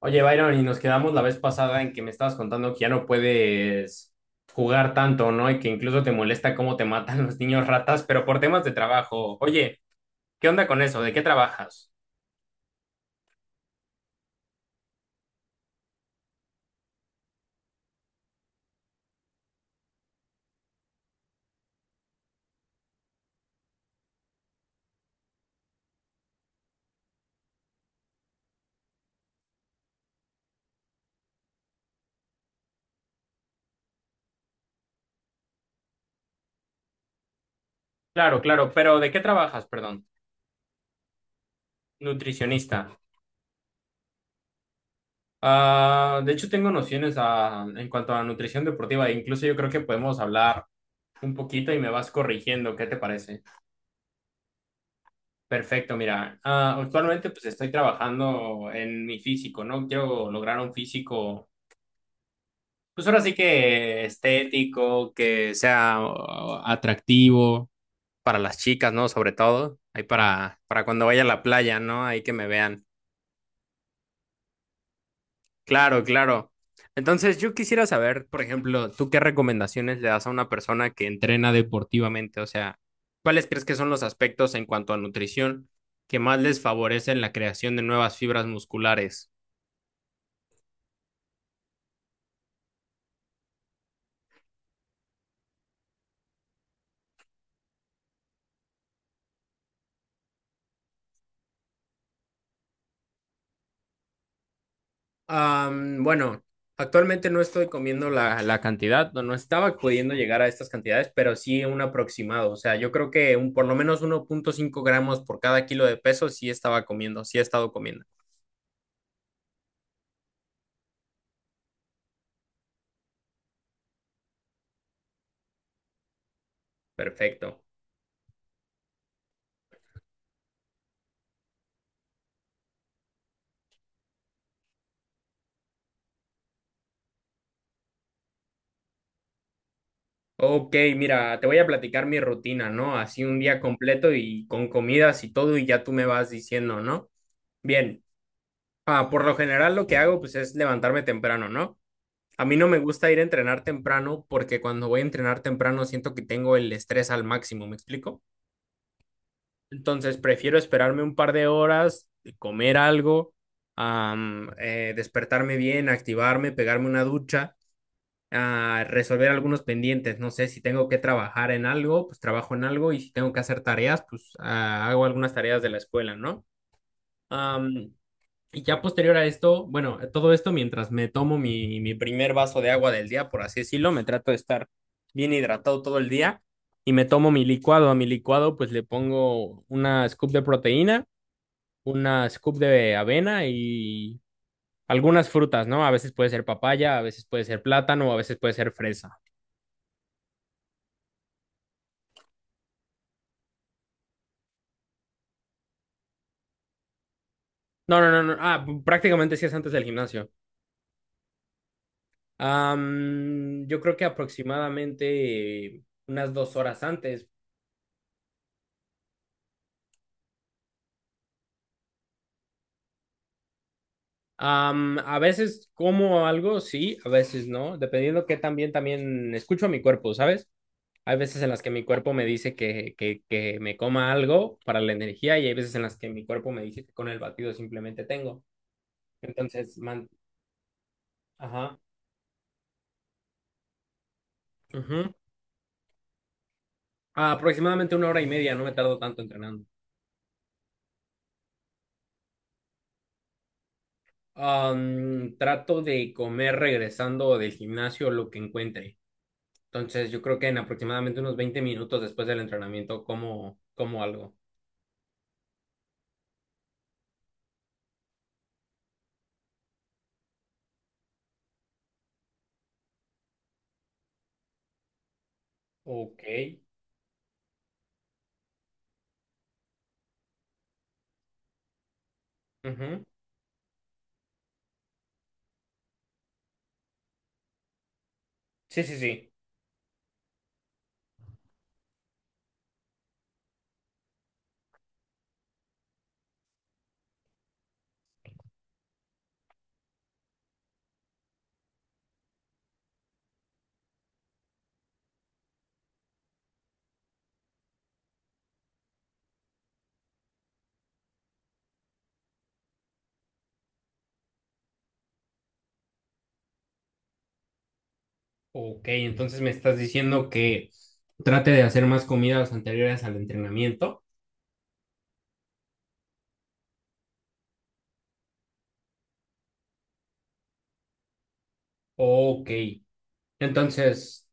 Oye, Byron, y nos quedamos la vez pasada en que me estabas contando que ya no puedes jugar tanto, ¿no? Y que incluso te molesta cómo te matan los niños ratas, pero por temas de trabajo. Oye, ¿qué onda con eso? ¿De qué trabajas? Claro, claro, pero ¿de qué trabajas? Perdón, nutricionista. Ah, de hecho, tengo nociones en cuanto a nutrición deportiva. E Incluso yo creo que podemos hablar un poquito y me vas corrigiendo. ¿Qué te parece? Perfecto, mira, actualmente pues estoy trabajando en mi físico, ¿no? Quiero lograr un físico. Pues ahora sí que estético, que sea atractivo para las chicas, ¿no? Sobre todo, ahí para cuando vaya a la playa, ¿no? Ahí que me vean. Claro, claro. Entonces, yo quisiera saber, por ejemplo, ¿tú qué recomendaciones le das a una persona que entrena deportivamente? O sea, ¿cuáles crees que son los aspectos en cuanto a nutrición que más les favorecen la creación de nuevas fibras musculares? Bueno, actualmente no estoy comiendo la cantidad, no estaba pudiendo llegar a estas cantidades, pero sí un aproximado. O sea, yo creo que un, por lo menos 1,5 gramos por cada kilo de peso sí estaba comiendo, sí he estado comiendo. Perfecto. Ok, mira, te voy a platicar mi rutina, ¿no? Así un día completo y con comidas y todo, y ya tú me vas diciendo, ¿no? Bien, por lo general lo que hago pues es levantarme temprano, ¿no? A mí no me gusta ir a entrenar temprano porque cuando voy a entrenar temprano siento que tengo el estrés al máximo, ¿me explico? Entonces prefiero esperarme un par de horas, comer algo, despertarme bien, activarme, pegarme una ducha, resolver algunos pendientes. No sé si tengo que trabajar en algo, pues trabajo en algo y si tengo que hacer tareas, pues hago algunas tareas de la escuela, ¿no? Am, y ya posterior a esto, bueno, todo esto mientras me tomo mi primer vaso de agua del día, por así decirlo, me trato de estar bien hidratado todo el día y me tomo mi licuado. A mi licuado pues le pongo una scoop de proteína, una scoop de avena y algunas frutas, ¿no? A veces puede ser papaya, a veces puede ser plátano, a veces puede ser fresa. No, no, no, no. Ah, prácticamente sí es antes del gimnasio. Yo creo que aproximadamente unas 2 horas antes. A veces como algo, sí, a veces no, dependiendo que también, también escucho a mi cuerpo, ¿sabes? Hay veces en las que mi cuerpo me dice que me coma algo para la energía y hay veces en las que mi cuerpo me dice que con el batido simplemente tengo. Entonces, man, ajá, ujú. Aproximadamente 1 hora y media, no me tardo tanto entrenando. Trato de comer regresando del gimnasio lo que encuentre. Entonces, yo creo que en aproximadamente unos 20 minutos después del entrenamiento como, como algo. Ok. Ujú. Sí, sí, sí. Ok, entonces me estás diciendo que trate de hacer más comidas anteriores al entrenamiento. Ok, entonces,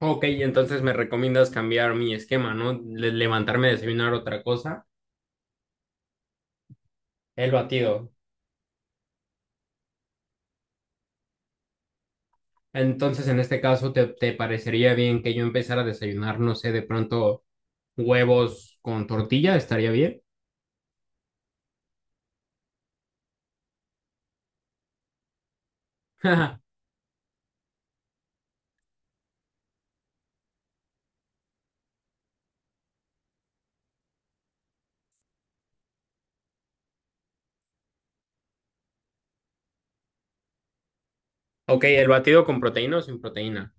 ok, entonces me recomiendas cambiar mi esquema, ¿no? Levantarme, desayunar otra cosa, el batido. Entonces, en este caso, te parecería bien que yo empezara a desayunar, no sé, de pronto huevos con tortilla? ¿Estaría bien? Ok, el batido con proteína o sin proteína.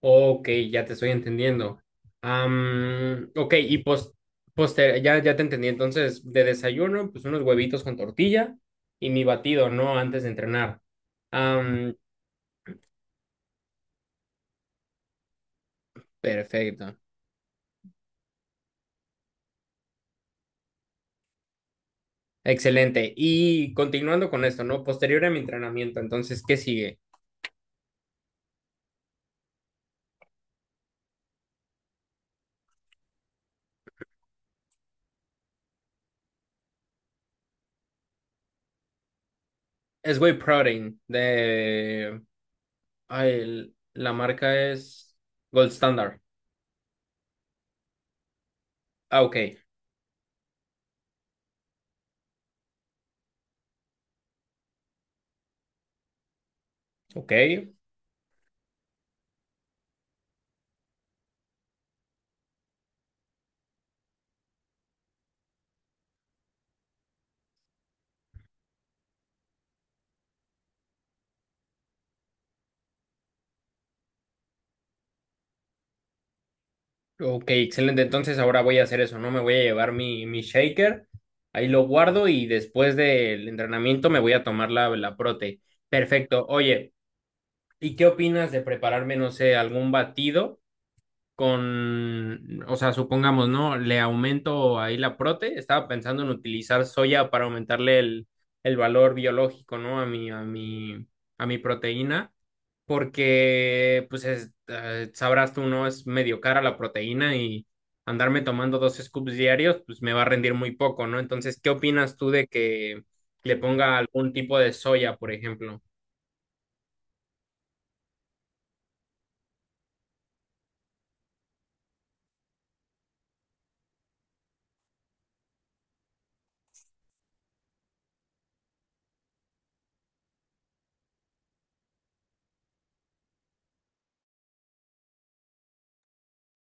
Ok, ya te estoy entendiendo. Ok, y pos, ya, ya te entendí. Entonces, de desayuno, pues unos huevitos con tortilla y mi batido, ¿no? Antes de entrenar. Am, perfecto. Excelente. Y continuando con esto, ¿no? Posterior a mi entrenamiento, entonces, ¿qué sigue? Es whey protein de... ay, la marca es Gold Standard. Ah, ok. Ok, Ok, excelente. Entonces ahora voy a hacer eso, ¿no? Me voy a llevar mi shaker, ahí lo guardo y después del entrenamiento me voy a tomar la prote. Perfecto. Oye, ¿y qué opinas de prepararme, no sé, algún batido con, o sea, supongamos, ¿no? Le aumento ahí la prote, estaba pensando en utilizar soya para aumentarle el valor biológico, ¿no? A mi proteína, porque, pues, sabrás tú, ¿no? Es medio cara la proteína y andarme tomando dos scoops diarios, pues me va a rendir muy poco, ¿no? Entonces, ¿qué opinas tú de que le ponga algún tipo de soya, por ejemplo?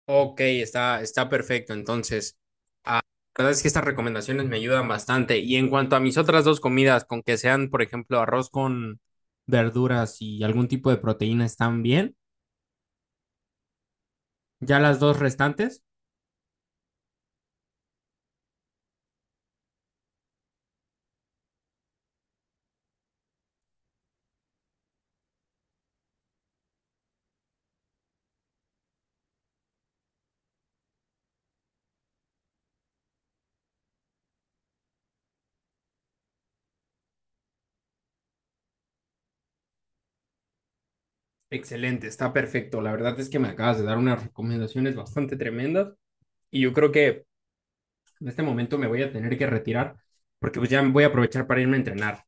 Ok, está perfecto. Entonces, la verdad es que estas recomendaciones me ayudan bastante. Y en cuanto a mis otras dos comidas, con que sean, por ejemplo, arroz con verduras y algún tipo de proteína, están bien. Ya las dos restantes, excelente, está perfecto. La verdad es que me acabas de dar unas recomendaciones bastante tremendas. Y yo creo que en este momento me voy a tener que retirar porque pues ya voy a aprovechar para irme a entrenar.